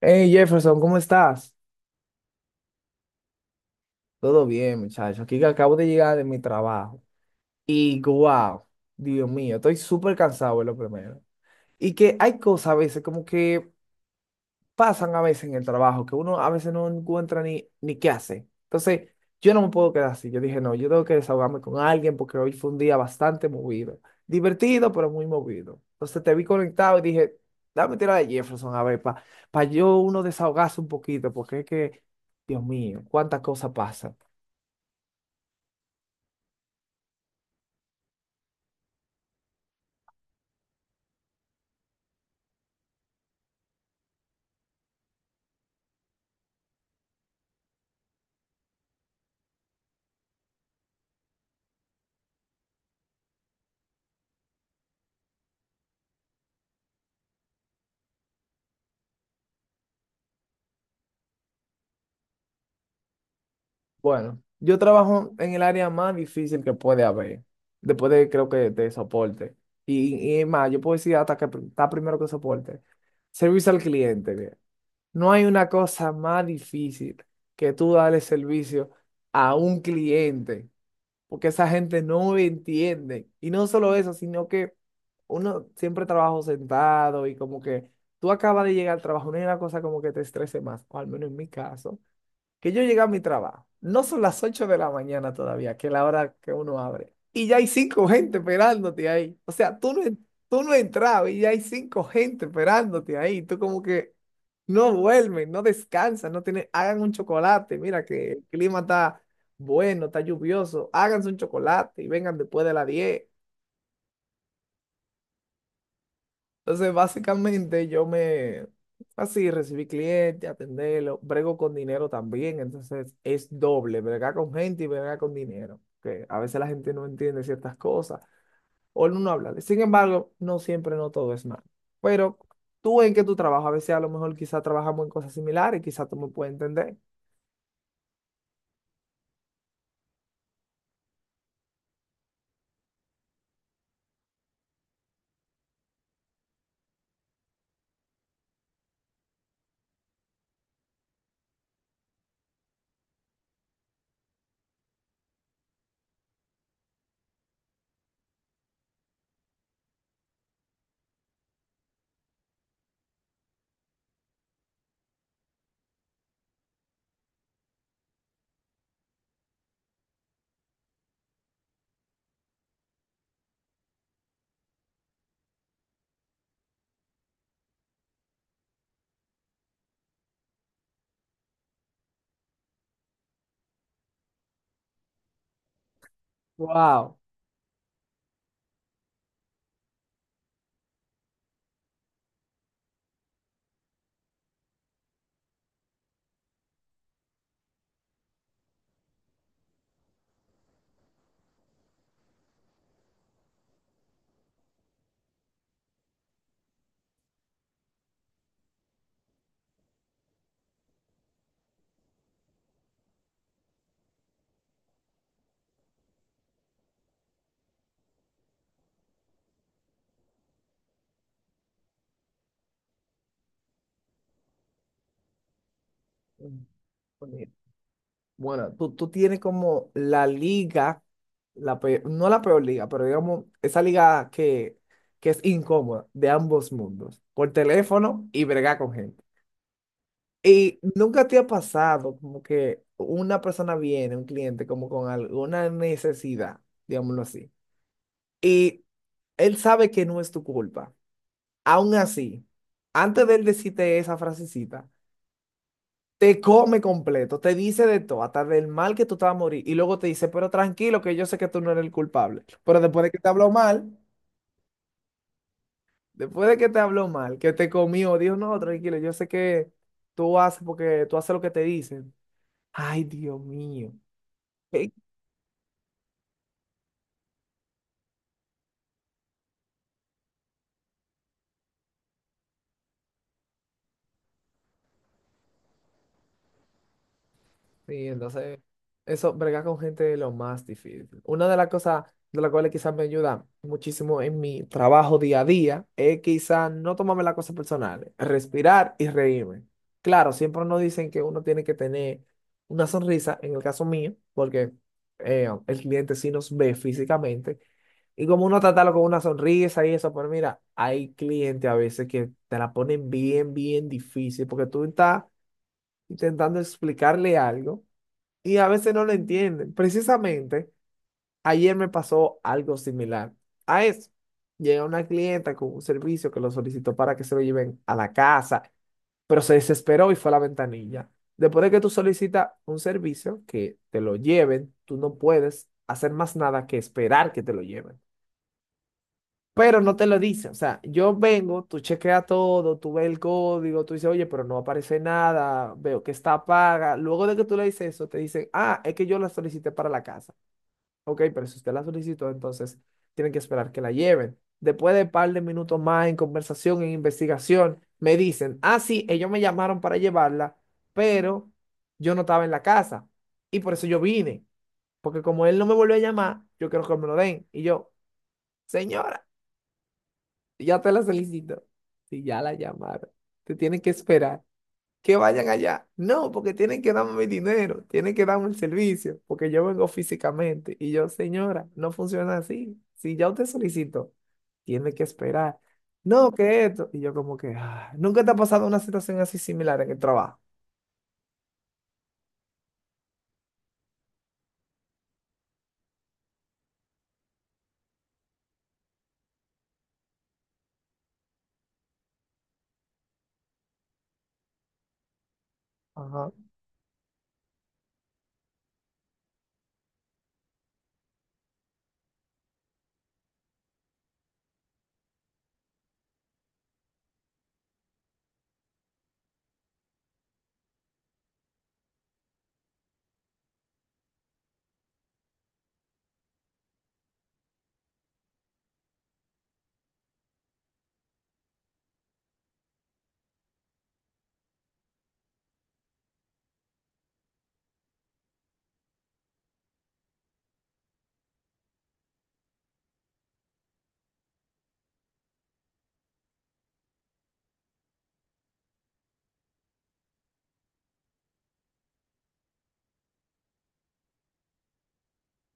Hey Jefferson, ¿cómo estás? Todo bien, muchacho. Aquí que acabo de llegar de mi trabajo. Y wow, Dios mío, estoy súper cansado, es lo primero. Y que hay cosas a veces como que pasan a veces en el trabajo, que uno a veces no encuentra ni qué hacer. Entonces, yo no me puedo quedar así. Yo dije, no, yo tengo que desahogarme con alguien porque hoy fue un día bastante movido. Divertido, pero muy movido. Entonces te vi conectado y dije, dame tira de Jefferson a ver, para yo uno desahogarse un poquito, porque es que, Dios mío, cuántas cosas pasan. Bueno, yo trabajo en el área más difícil que puede haber, después de creo que de soporte. Y es más, yo puedo decir hasta que está primero que soporte. Servicio al cliente, mira. No hay una cosa más difícil que tú darle servicio a un cliente, porque esa gente no entiende. Y no solo eso, sino que uno siempre trabaja sentado y como que tú acabas de llegar al trabajo, no hay una cosa como que te estrese más, o al menos en mi caso que yo llegué a mi trabajo, no son las 8 de la mañana todavía, que es la hora que uno abre, y ya hay cinco gente esperándote ahí. O sea, tú no entrabas y ya hay cinco gente esperándote ahí. Tú como que no duermen, no descansan, no tienen, hagan un chocolate. Mira que el clima está bueno, está lluvioso, háganse un chocolate y vengan después de las 10. Entonces, básicamente así, recibí clientes, atenderlo, brego con dinero también, entonces es doble, bregar con gente y bregar con dinero, que a veces la gente no entiende ciertas cosas o no habla. Sin embargo, no siempre, no todo es malo. Pero tú en que tú trabajas, a veces a lo mejor quizás trabajamos en cosas similares, quizás tú me puedes entender. Wow. Bueno, tú tienes como la liga, la peor no la peor liga, pero digamos, esa liga que es incómoda de ambos mundos, por teléfono y bregar con gente. Y nunca te ha pasado como que una persona viene, un cliente, como con alguna necesidad, digámoslo así, y él sabe que no es tu culpa. Aún así, antes de él decirte esa frasecita, te come completo, te dice de todo, hasta del mal que tú te vas a morir. Y luego te dice, pero tranquilo, que yo sé que tú no eres el culpable. Pero después de que te habló mal, después de que te habló mal, que te comió, dijo, no, tranquilo, yo sé que tú haces porque tú haces lo que te dicen. Ay, Dios mío. Sí, entonces, eso, bregar con gente es lo más difícil. Una de las cosas de las cuales quizás me ayuda muchísimo en mi trabajo día a día es quizás no tomarme las cosas personales, respirar y reírme. Claro, siempre nos dicen que uno tiene que tener una sonrisa, en el caso mío, porque el cliente sí nos ve físicamente, y como uno tratarlo con una sonrisa y eso, pero mira, hay clientes a veces que te la ponen bien, bien difícil, porque tú estás intentando explicarle algo y a veces no lo entienden. Precisamente ayer me pasó algo similar a eso. Llega una clienta con un servicio que lo solicitó para que se lo lleven a la casa, pero se desesperó y fue a la ventanilla. Después de que tú solicitas un servicio que te lo lleven, tú no puedes hacer más nada que esperar que te lo lleven, pero no te lo dice. O sea, yo vengo, tú chequeas todo, tú ves el código, tú dices, oye, pero no aparece nada, veo que está paga. Luego de que tú le dices eso, te dicen, ah, es que yo la solicité para la casa. Ok, pero si usted la solicitó, entonces tienen que esperar que la lleven. Después de un par de minutos más en conversación, en investigación, me dicen, ah, sí, ellos me llamaron para llevarla, pero yo no estaba en la casa. Y por eso yo vine, porque como él no me volvió a llamar, yo quiero que me lo den. Y yo, señora. Ya te la solicito. Si ya la llamaron, te tienen que esperar. Que vayan allá. No, porque tienen que darme mi dinero, tienen que darme el servicio, porque yo vengo físicamente. Y yo, señora, no funciona así. Si ya usted solicitó, tiene que esperar. No, que esto. Y yo como que, "Ah, ¿nunca te ha pasado una situación así similar en el trabajo? Ajá,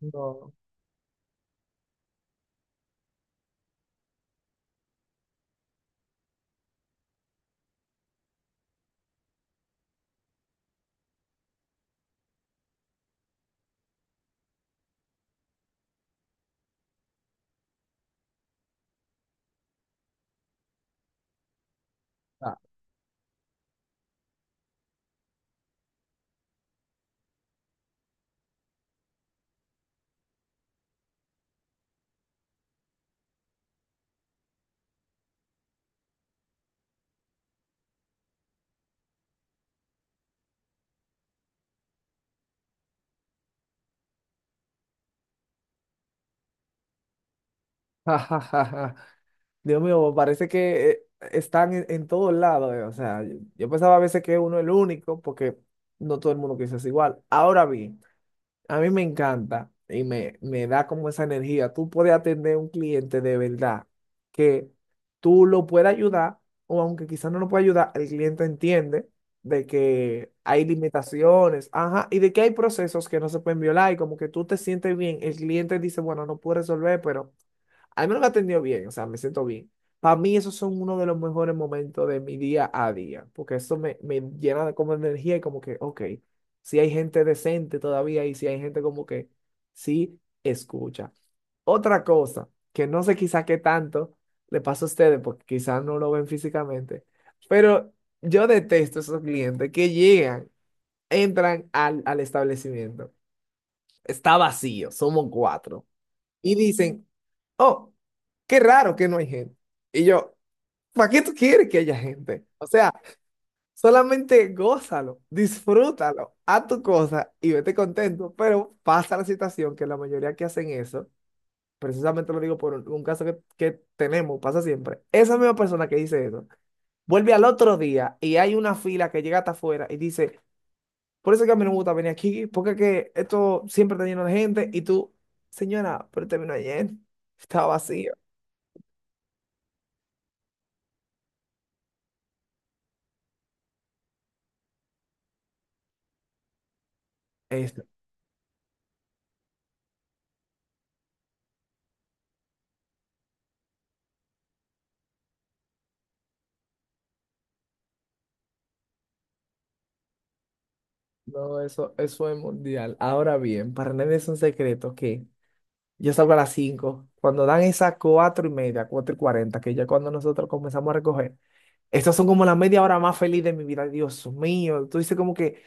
no. Ah, ja, ja, ja, ja. Dios mío, parece que están en todos lados, o sea, yo pensaba a veces que uno es el único, porque no todo el mundo piensa igual. Ahora bien, a mí me encanta y me da como esa energía. Tú puedes atender a un cliente de verdad, que tú lo puedas ayudar, o aunque quizás no lo pueda ayudar, el cliente entiende de que hay limitaciones, ajá, y de que hay procesos que no se pueden violar, y como que tú te sientes bien, el cliente dice, bueno, no puedo resolver, pero al menos me atendió bien, o sea, me siento bien. Para mí esos son uno de los mejores momentos de mi día a día, porque eso me llena de como energía y como que, ok, si hay gente decente todavía y si hay gente como que sí escucha. Otra cosa, que no sé quizá qué tanto le pasa a ustedes, porque quizás no lo ven físicamente, pero yo detesto esos clientes que llegan, entran al establecimiento, está vacío, somos cuatro y dicen, oh, qué raro que no hay gente. Y yo, ¿para qué tú quieres que haya gente? O sea, solamente gózalo, disfrútalo, haz tu cosa y vete contento, pero pasa la situación que la mayoría que hacen eso, precisamente lo digo por un caso que tenemos, pasa siempre, esa misma persona que dice eso, vuelve al otro día y hay una fila que llega hasta afuera y dice, por eso es que a mí no me gusta venir aquí, porque es que esto siempre está lleno de gente y tú, señora, pero terminó ayer, estaba vacío. Es- no, eso es mundial. Ahora bien, para nadie es un secreto que yo salgo a las 5. Cuando dan esas cuatro y media, cuatro y 40, que ya cuando nosotros comenzamos a recoger, estas son como la media hora más feliz de mi vida. Dios mío, tú dices como que,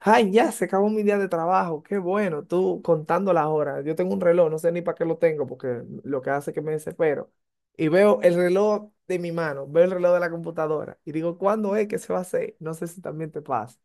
ay, ya se acabó mi día de trabajo, qué bueno, tú contando las horas. Yo tengo un reloj, no sé ni para qué lo tengo, porque lo que hace es que me desespero. Y veo el reloj de mi mano, veo el reloj de la computadora y digo, ¿cuándo es que se va a hacer? No sé si también te pasa.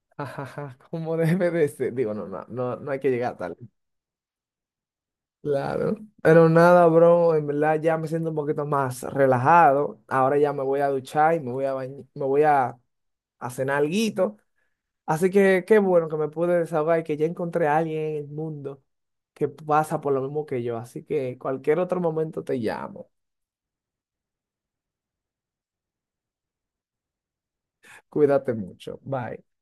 Ajaja, como debe de ser. Digo, no, no, no, no hay que llegar tal. Claro. Pero nada, bro, en verdad ya me siento un poquito más relajado. Ahora ya me voy a duchar y me voy a me voy a cenar alguito. Así que qué bueno que me pude desahogar y que ya encontré a alguien en el mundo que pasa por lo mismo que yo. Así que cualquier otro momento te llamo. Cuídate mucho. Bye.